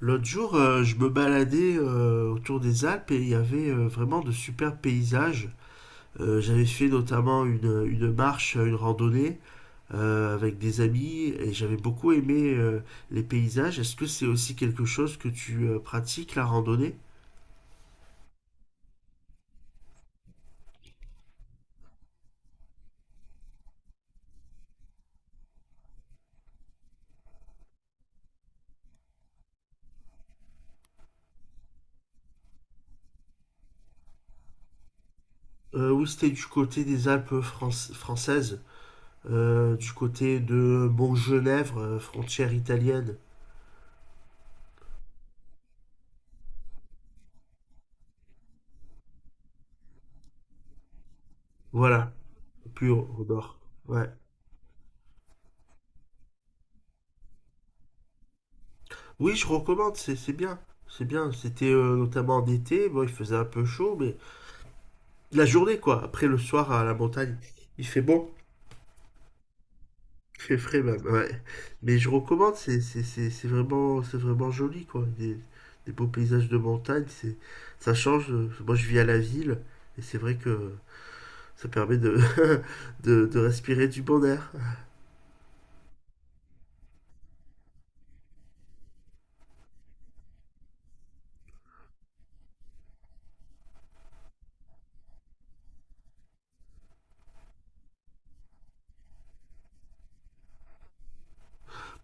L'autre jour, je me baladais autour des Alpes et il y avait vraiment de superbes paysages. J'avais fait notamment une marche, une randonnée avec des amis et j'avais beaucoup aimé les paysages. Est-ce que c'est aussi quelque chose que tu pratiques, la randonnée? Oui, c'était du côté des Alpes françaises, du côté de Montgenèvre, frontière italienne. Voilà, plus au, au nord. Ouais. Oui, je recommande, c'est bien. C'est bien. C'était notamment en été, bon, il faisait un peu chaud, mais la journée, quoi. Après le soir à la montagne, il fait bon, il fait frais même, ouais. Mais je recommande, c'est vraiment, c'est vraiment joli, quoi. Des beaux paysages de montagne, c'est, ça change. Moi, je vis à la ville, et c'est vrai que ça permet de, de respirer du bon air.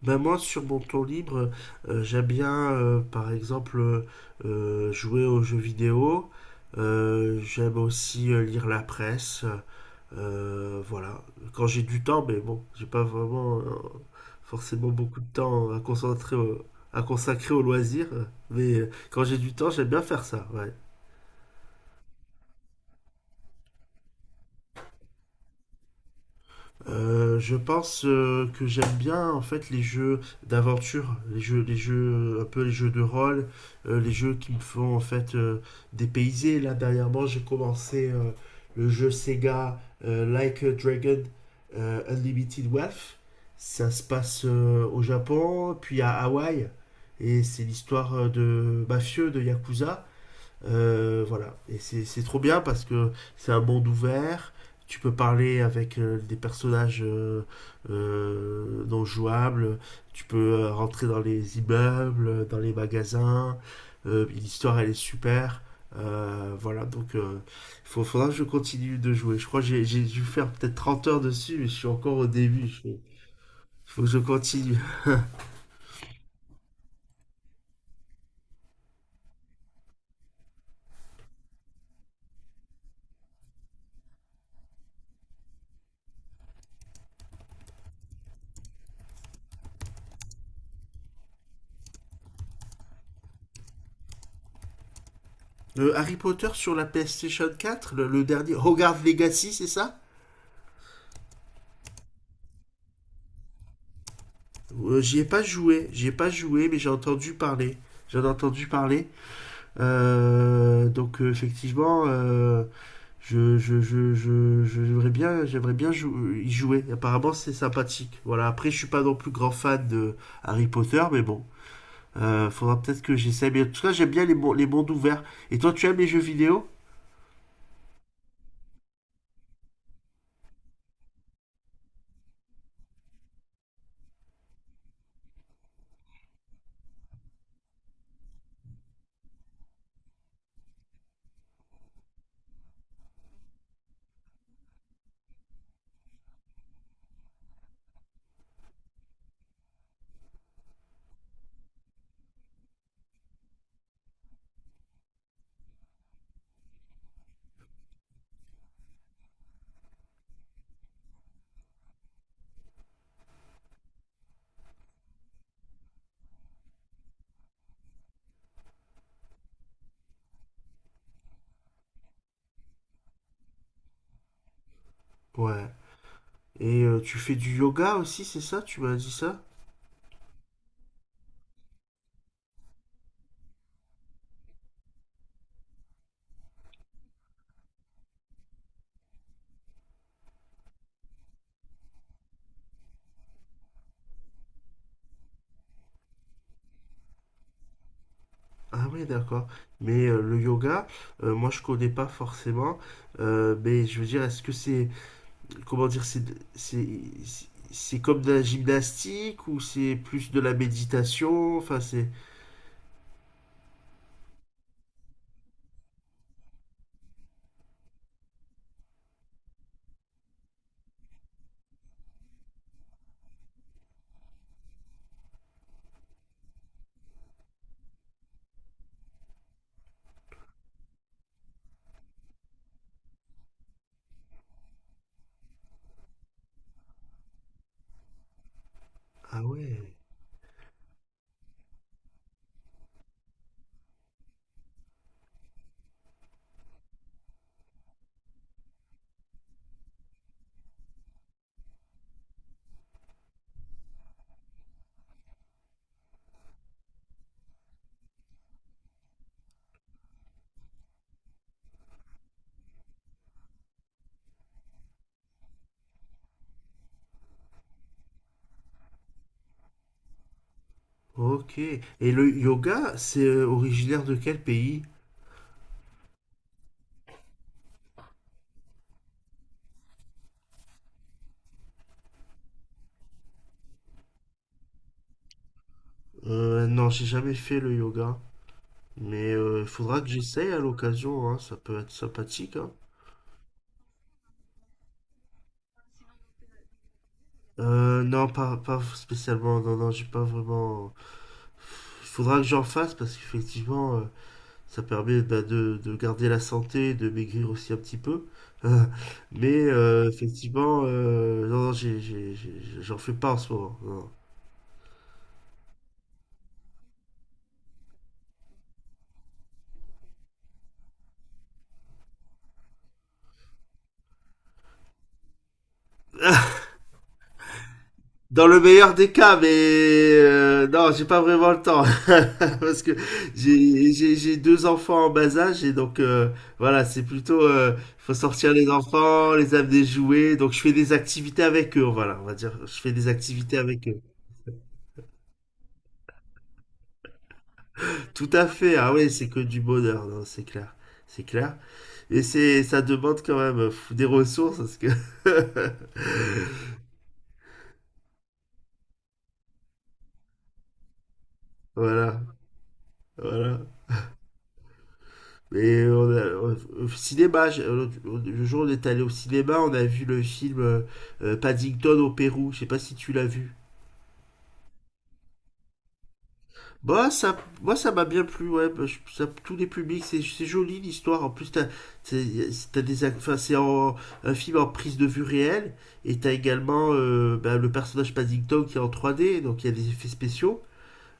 Ben moi, sur mon temps libre, j'aime bien, par exemple, jouer aux jeux vidéo. J'aime aussi lire la presse. Voilà. Quand j'ai du temps, mais bon, j'ai pas vraiment forcément beaucoup de temps à à consacrer aux loisirs. Mais quand j'ai du temps, j'aime bien faire ça. Ouais. Je pense que j'aime bien en fait les jeux d'aventure, les jeux un peu les jeux de rôle, les jeux qui me font en fait dépayser. Là dernièrement, j'ai commencé le jeu Sega Like a Dragon Unlimited Wealth. Ça se passe au Japon, puis à Hawaï, et c'est l'histoire de mafieux de yakuza. Voilà. Et c'est trop bien parce que c'est un monde ouvert. Tu peux parler avec des personnages non jouables. Tu peux rentrer dans les immeubles, dans les magasins. L'histoire, elle est super. Voilà, donc faudra que je continue de jouer. Je crois que j'ai dû faire peut-être 30 heures dessus, mais je suis encore au début. Que je continue. Harry Potter sur la PlayStation 4, le dernier Hogwarts Legacy, c'est ça? J'y ai pas joué, mais j'ai entendu parler. J'en ai entendu parler. Donc effectivement, j'aimerais bien y jouer. Apparemment, c'est sympathique. Voilà. Après, je suis pas non plus grand fan de Harry Potter, mais bon, faudra peut-être que j'essaie. Mais en tout cas, j'aime bien les mondes ouverts. Et toi, tu aimes les jeux vidéo? Ouais. Et tu fais du yoga aussi, c'est ça? Tu m'as dit ça? Ah ouais, d'accord. Mais le yoga, moi je connais pas forcément. Mais je veux dire, est-ce que comment dire, c'est, c'est comme de la gymnastique ou c'est plus de la méditation? Enfin, c'est. Ah ouais. Ok. Et le yoga, c'est originaire de quel pays? Non, j'ai jamais fait le yoga. Mais il faudra que j'essaye à l'occasion, hein. Ça peut être sympathique, hein. Non, pas, pas spécialement. Non, non, j'ai pas vraiment. Il faudra que j'en fasse parce qu'effectivement, ça permet bah, de garder la santé, de maigrir aussi un petit peu. Mais effectivement, non, non, j'en fais pas en ce moment. Non. Dans le meilleur des cas, mais non, j'ai pas vraiment le temps parce que j'ai deux enfants en bas âge et donc voilà, c'est plutôt faut sortir les enfants, les amener jouer, donc je fais des activités avec eux, voilà, on va dire, je fais des activités avec eux. Tout à fait. Ah oui, c'est que du bonheur, non, c'est clair. C'est clair. Et c'est, ça demande quand même des ressources parce que voilà, voilà. Et on a, au au cinéma, le jour où on est allé au cinéma, on a vu le film Paddington au Pérou. Je sais pas si tu l'as vu. Bah, ça, moi, ça m'a bien plu, ouais. Bah, tous les publics, c'est joli l'histoire. En plus, t'as- t'as des, ac- enfin, c'est en- un film en prise de vue réelle. Et t'as également bah, le personnage Paddington qui est en 3D, donc il y a des effets spéciaux.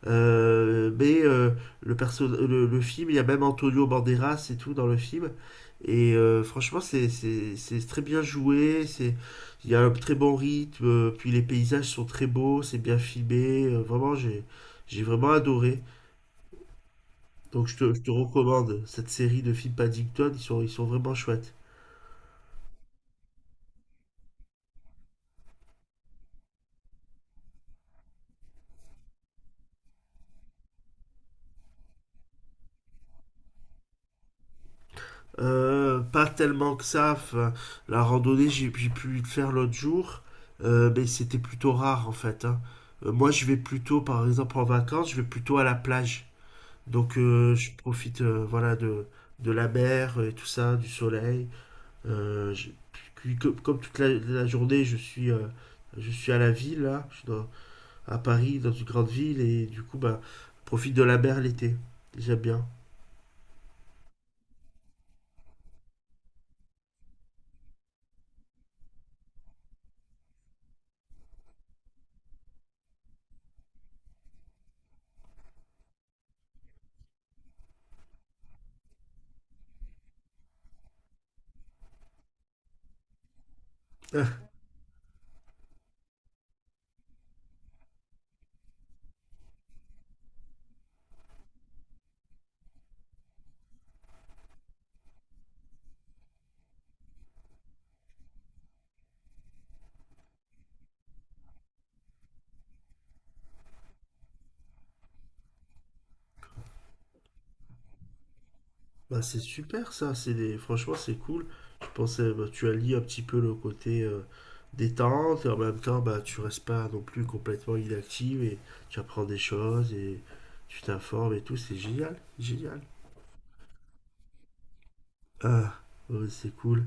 Mais le film, il y a même Antonio Banderas et tout dans le film. Et franchement, c'est très bien joué. C'est. Il y a un très bon rythme. Euh, puis les paysages sont très beaux, c'est bien filmé. Euh, vraiment, j'ai. J'ai vraiment adoré. Donc je te recommande cette série de films Paddington, ils sont vraiment chouettes. Pas tellement que ça, enfin, la randonnée j'ai pu le faire l'autre jour, mais c'était plutôt rare en fait. Hein. Moi je vais plutôt, par exemple en vacances, je vais plutôt à la plage. Donc je profite voilà de la mer et tout ça, du soleil. Euh, je- Puis, comme, comme toute la journée je suis, je suis à la ville là, à Paris, dans une grande ville, et du coup, bah, profite de la mer l'été. J'aime bien. Ah, bah, c'est super ça, c'est des franchement, c'est cool. Je pensais, bah, tu allies un petit peu le côté détente, et en même temps, bah, tu restes pas non plus complètement inactive, et tu apprends des choses, et tu t'informes et tout, c'est génial, génial. Ah, ouais, c'est cool.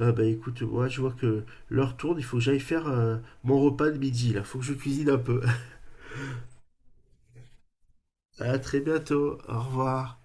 Ah, bah écoute, moi, je vois que l'heure tourne, il faut que j'aille faire mon repas de midi, là, faut que je cuisine un peu. À très bientôt, au revoir.